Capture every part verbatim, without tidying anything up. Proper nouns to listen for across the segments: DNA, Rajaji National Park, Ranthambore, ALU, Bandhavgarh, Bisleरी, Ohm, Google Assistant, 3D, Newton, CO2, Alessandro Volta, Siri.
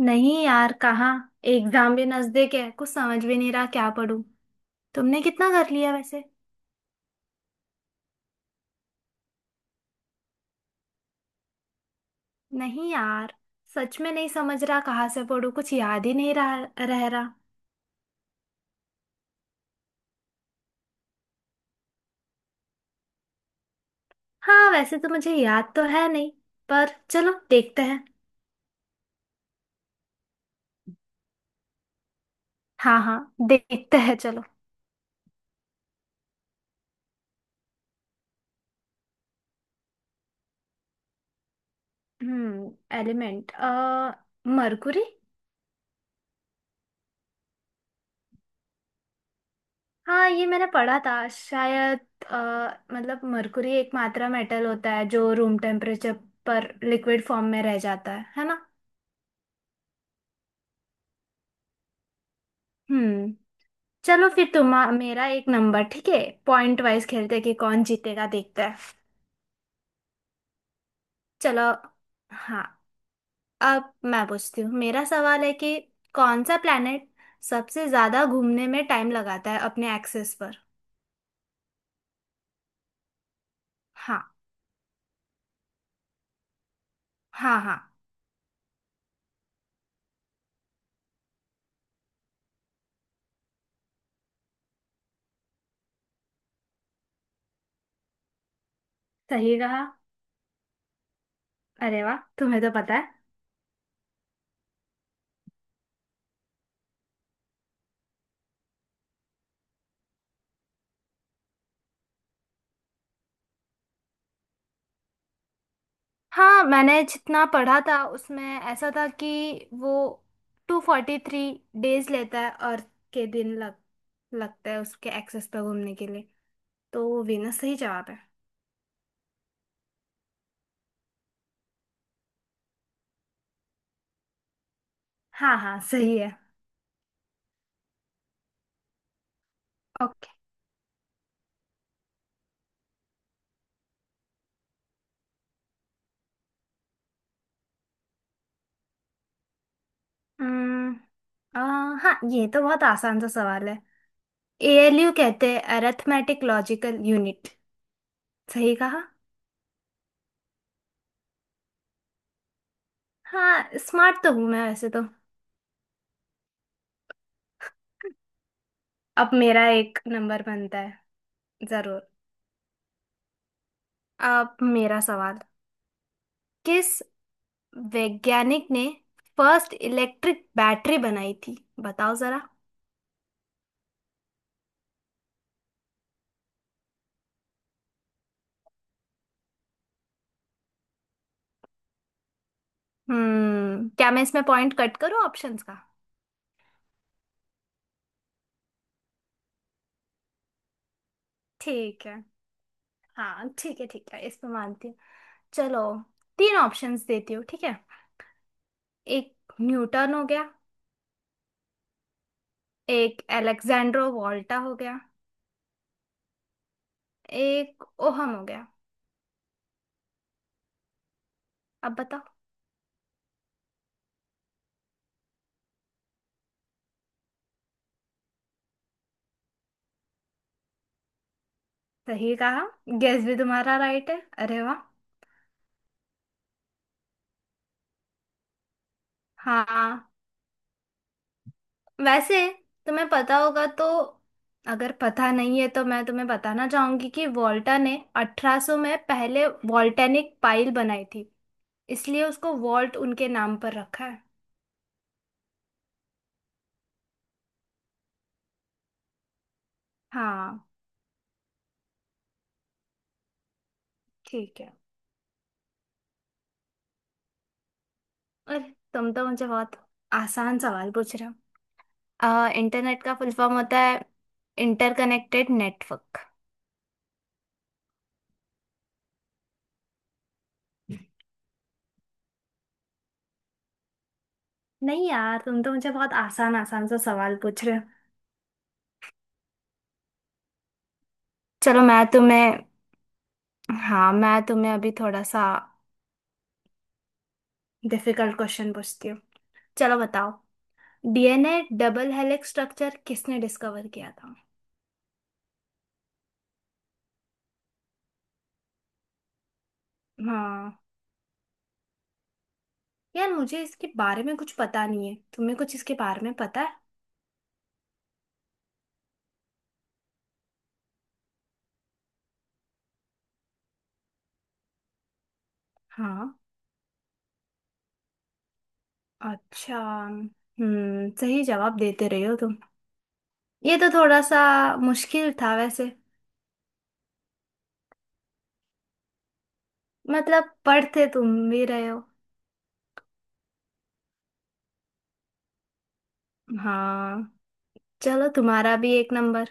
नहीं यार, कहाँ। एग्जाम भी नजदीक है, कुछ समझ भी नहीं रहा क्या पढूं। तुमने कितना कर लिया वैसे? नहीं यार, सच में नहीं समझ रहा कहाँ से पढूं, कुछ याद ही नहीं रहा रह रहा हाँ, वैसे तो मुझे याद तो है नहीं, पर चलो देखते हैं। हाँ हाँ, देखते हैं चलो। हम्म एलिमेंट अ मरकुरी। हाँ, ये मैंने पढ़ा था शायद। अ, मतलब मरकुरी एक मात्रा मेटल होता है जो रूम टेम्परेचर पर लिक्विड फॉर्म में रह जाता है है ना। हम्म। चलो फिर तुम मेरा एक नंबर, ठीक है। पॉइंट वाइज खेलते हैं कि कौन जीतेगा देखते हैं। चलो। हाँ। अब मैं पूछती हूँ, मेरा सवाल है कि कौन सा प्लेनेट सबसे ज्यादा घूमने में टाइम लगाता है अपने एक्सिस पर। हाँ हाँ। हाँ, सही कहा। अरे वाह, तुम्हें तो पता है। हाँ, मैंने जितना पढ़ा था उसमें ऐसा था कि वो टू फोर्टी थ्री डेज लेता है, अर्थ के दिन लग लगता है उसके एक्सेस पर घूमने के लिए। तो वीनस सही जवाब है। हाँ हाँ, सही है। ओके। हम्म आ, हाँ, ये तो बहुत आसान सा सवाल है। एएलयू कहते हैं, अरिथमेटिक लॉजिकल यूनिट। सही कहा। हाँ, स्मार्ट तो हूँ मैं वैसे तो। अब मेरा एक नंबर बनता है। जरूर। अब मेरा सवाल, किस वैज्ञानिक ने फर्स्ट इलेक्ट्रिक बैटरी बनाई थी, बताओ जरा। हम्म क्या मैं इसमें पॉइंट कट करूं ऑप्शंस का? ठीक है। हाँ ठीक है ठीक है, इस पे मानती हूँ। चलो, तीन ऑप्शंस देती हूँ, ठीक है। एक न्यूटन हो गया। एक अलेक्जेंड्रो वोल्टा हो गया। एक ओहम हो गया। अब बताओ। सही कहा। गेस भी तुम्हारा राइट है। अरे वाह। हाँ। वैसे तुम्हें पता होगा तो, अगर पता नहीं है तो मैं तुम्हें बताना चाहूंगी कि वॉल्टा ने अठारह सौ में पहले वॉल्टेनिक पाइल बनाई थी। इसलिए उसको वॉल्ट उनके नाम पर रखा है। हाँ। ठीक है। अरे तुम तो मुझे बहुत आसान सवाल पूछ रहे हो। आ, इंटरनेट का फुल फॉर्म होता है इंटरकनेक्टेड नेटवर्क। नहीं यार, तुम तो मुझे बहुत आसान आसान सा सवाल पूछ रहे हो। चलो मैं तुम्हें, हाँ मैं तुम्हें अभी थोड़ा सा डिफिकल्ट क्वेश्चन पूछती हूँ। चलो बताओ। डीएनए डबल हेलिक्स स्ट्रक्चर किसने डिस्कवर किया था? हाँ, यार मुझे इसके बारे में कुछ पता नहीं है, तुम्हें कुछ इसके बारे में पता है? हाँ। अच्छा, हम्म, सही जवाब देते रहे हो तुम। ये तो थोड़ा सा मुश्किल था वैसे। मतलब पढ़ते तुम भी रहे हो। हाँ। चलो तुम्हारा भी एक नंबर।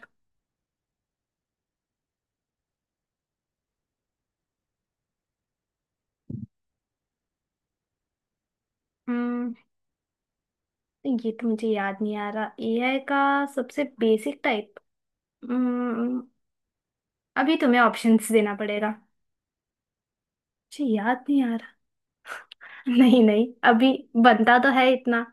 हम्म ये तो मुझे याद नहीं आ रहा, एआई का सबसे बेसिक टाइप। हम्म। अभी तुम्हें ऑप्शंस देना पड़ेगा। मुझे याद नहीं आ, नहीं नहीं अभी, बनता तो है इतना।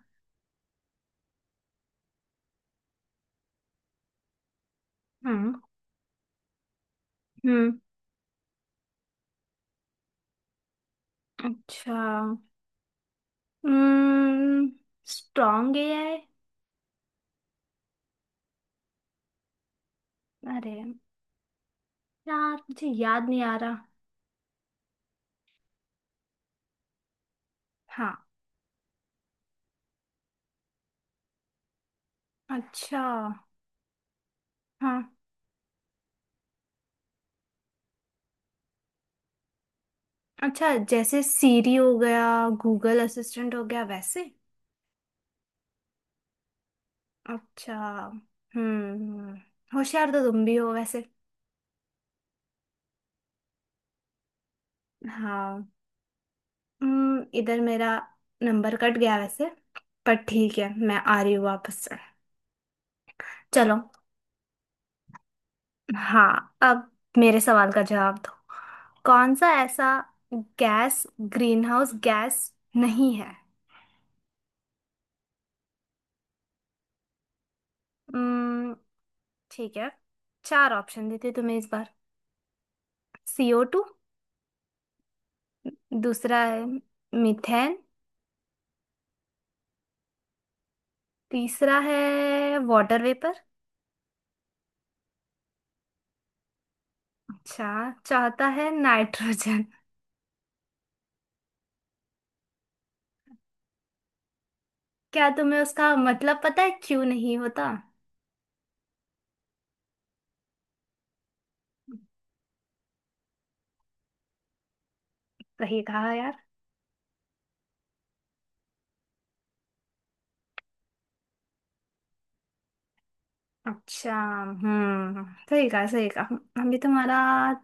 हम्म। हम्म। अच्छा। हम्म। स्ट्रॉन्ग है ये? अरे, यार मुझे याद नहीं आ रहा। हाँ। अच्छा। हाँ। अच्छा, जैसे सीरी हो गया, गूगल असिस्टेंट हो गया वैसे। अच्छा। हम्म। होशियार तो तुम भी हो वैसे। हाँ। हम्म इधर मेरा नंबर कट गया वैसे। पर ठीक है, मैं आ रही हूँ वापस से। चलो। हाँ, अब मेरे सवाल का जवाब दो। कौन सा ऐसा गैस ग्रीनहाउस गैस नहीं है? हम्म ठीक है, चार ऑप्शन देती हूँ तुम्हें इस बार। C O two. दूसरा है मीथेन। तीसरा है वाटर वेपर। अच्छा, चौथा है नाइट्रोजन। क्या तुम्हें उसका मतलब पता है क्यों नहीं होता? सही कहा यार। अच्छा, हम्म। सही कहा सही कहा। अभी तुम्हारा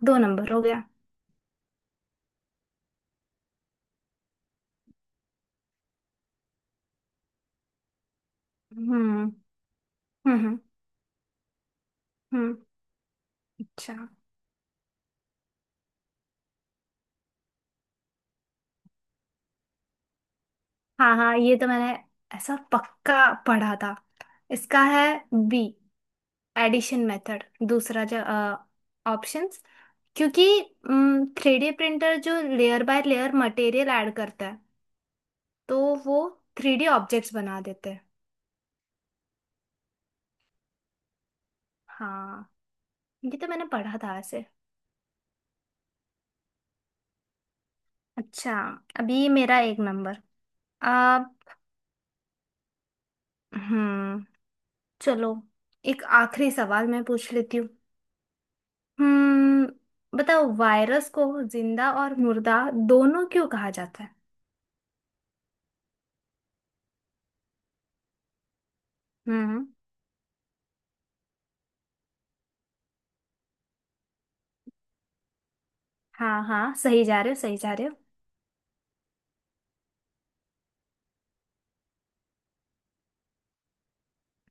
दो नंबर हो गया। हम्म हम्म। हम्म। हम्म। अच्छा। हाँ हाँ, ये तो मैंने ऐसा पक्का पढ़ा था। इसका है बी, एडिशन मेथड, दूसरा जो ऑप्शंस, क्योंकि थ्री डी प्रिंटर जो layer by layer material add करता है, तो वो थ्री डी ऑब्जेक्ट्स बना देते हैं। हाँ, ये तो मैंने पढ़ा था ऐसे। अच्छा, अभी मेरा एक नंबर। आ हम्म। चलो एक आखिरी सवाल मैं पूछ लेती हूँ। हम्म बताओ, वायरस को जिंदा और मुर्दा दोनों क्यों कहा जाता है? हम्म। हाँ हाँ, सही जा रहे हो सही जा रहे हो।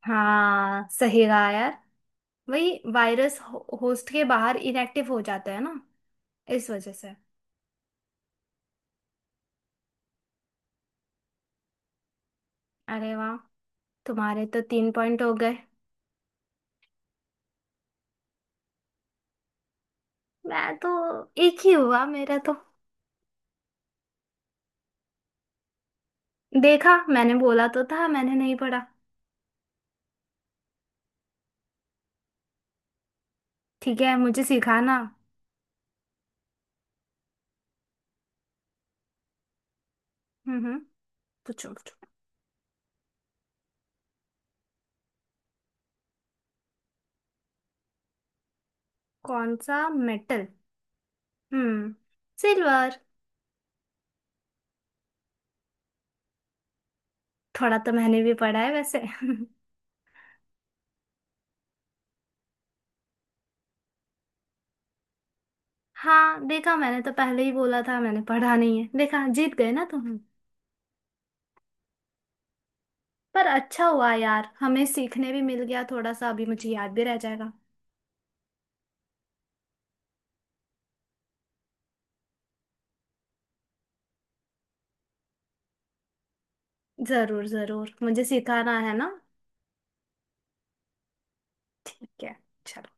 हाँ, सही कहा यार। वही वायरस हो, होस्ट के बाहर इनएक्टिव हो जाता है ना। इस वजह से। अरे वाह, तुम्हारे तो तीन पॉइंट हो गए। मैं तो, एक ही हुआ मेरा तो। देखा, मैंने बोला तो था मैंने नहीं पढ़ा। ठीक है, मुझे सिखाना। हम्म हम्म। पूछो पूछो। कौन सा मेटल? हम्म। सिल्वर। थोड़ा तो मैंने भी पढ़ा है वैसे हाँ, देखा, मैंने तो पहले ही बोला था मैंने पढ़ा नहीं है, देखा जीत गए ना तुम। पर अच्छा हुआ यार, हमें सीखने भी मिल गया थोड़ा सा, अभी मुझे याद भी रह जाएगा। जरूर जरूर, मुझे सिखाना है ना। ठीक है। चलो।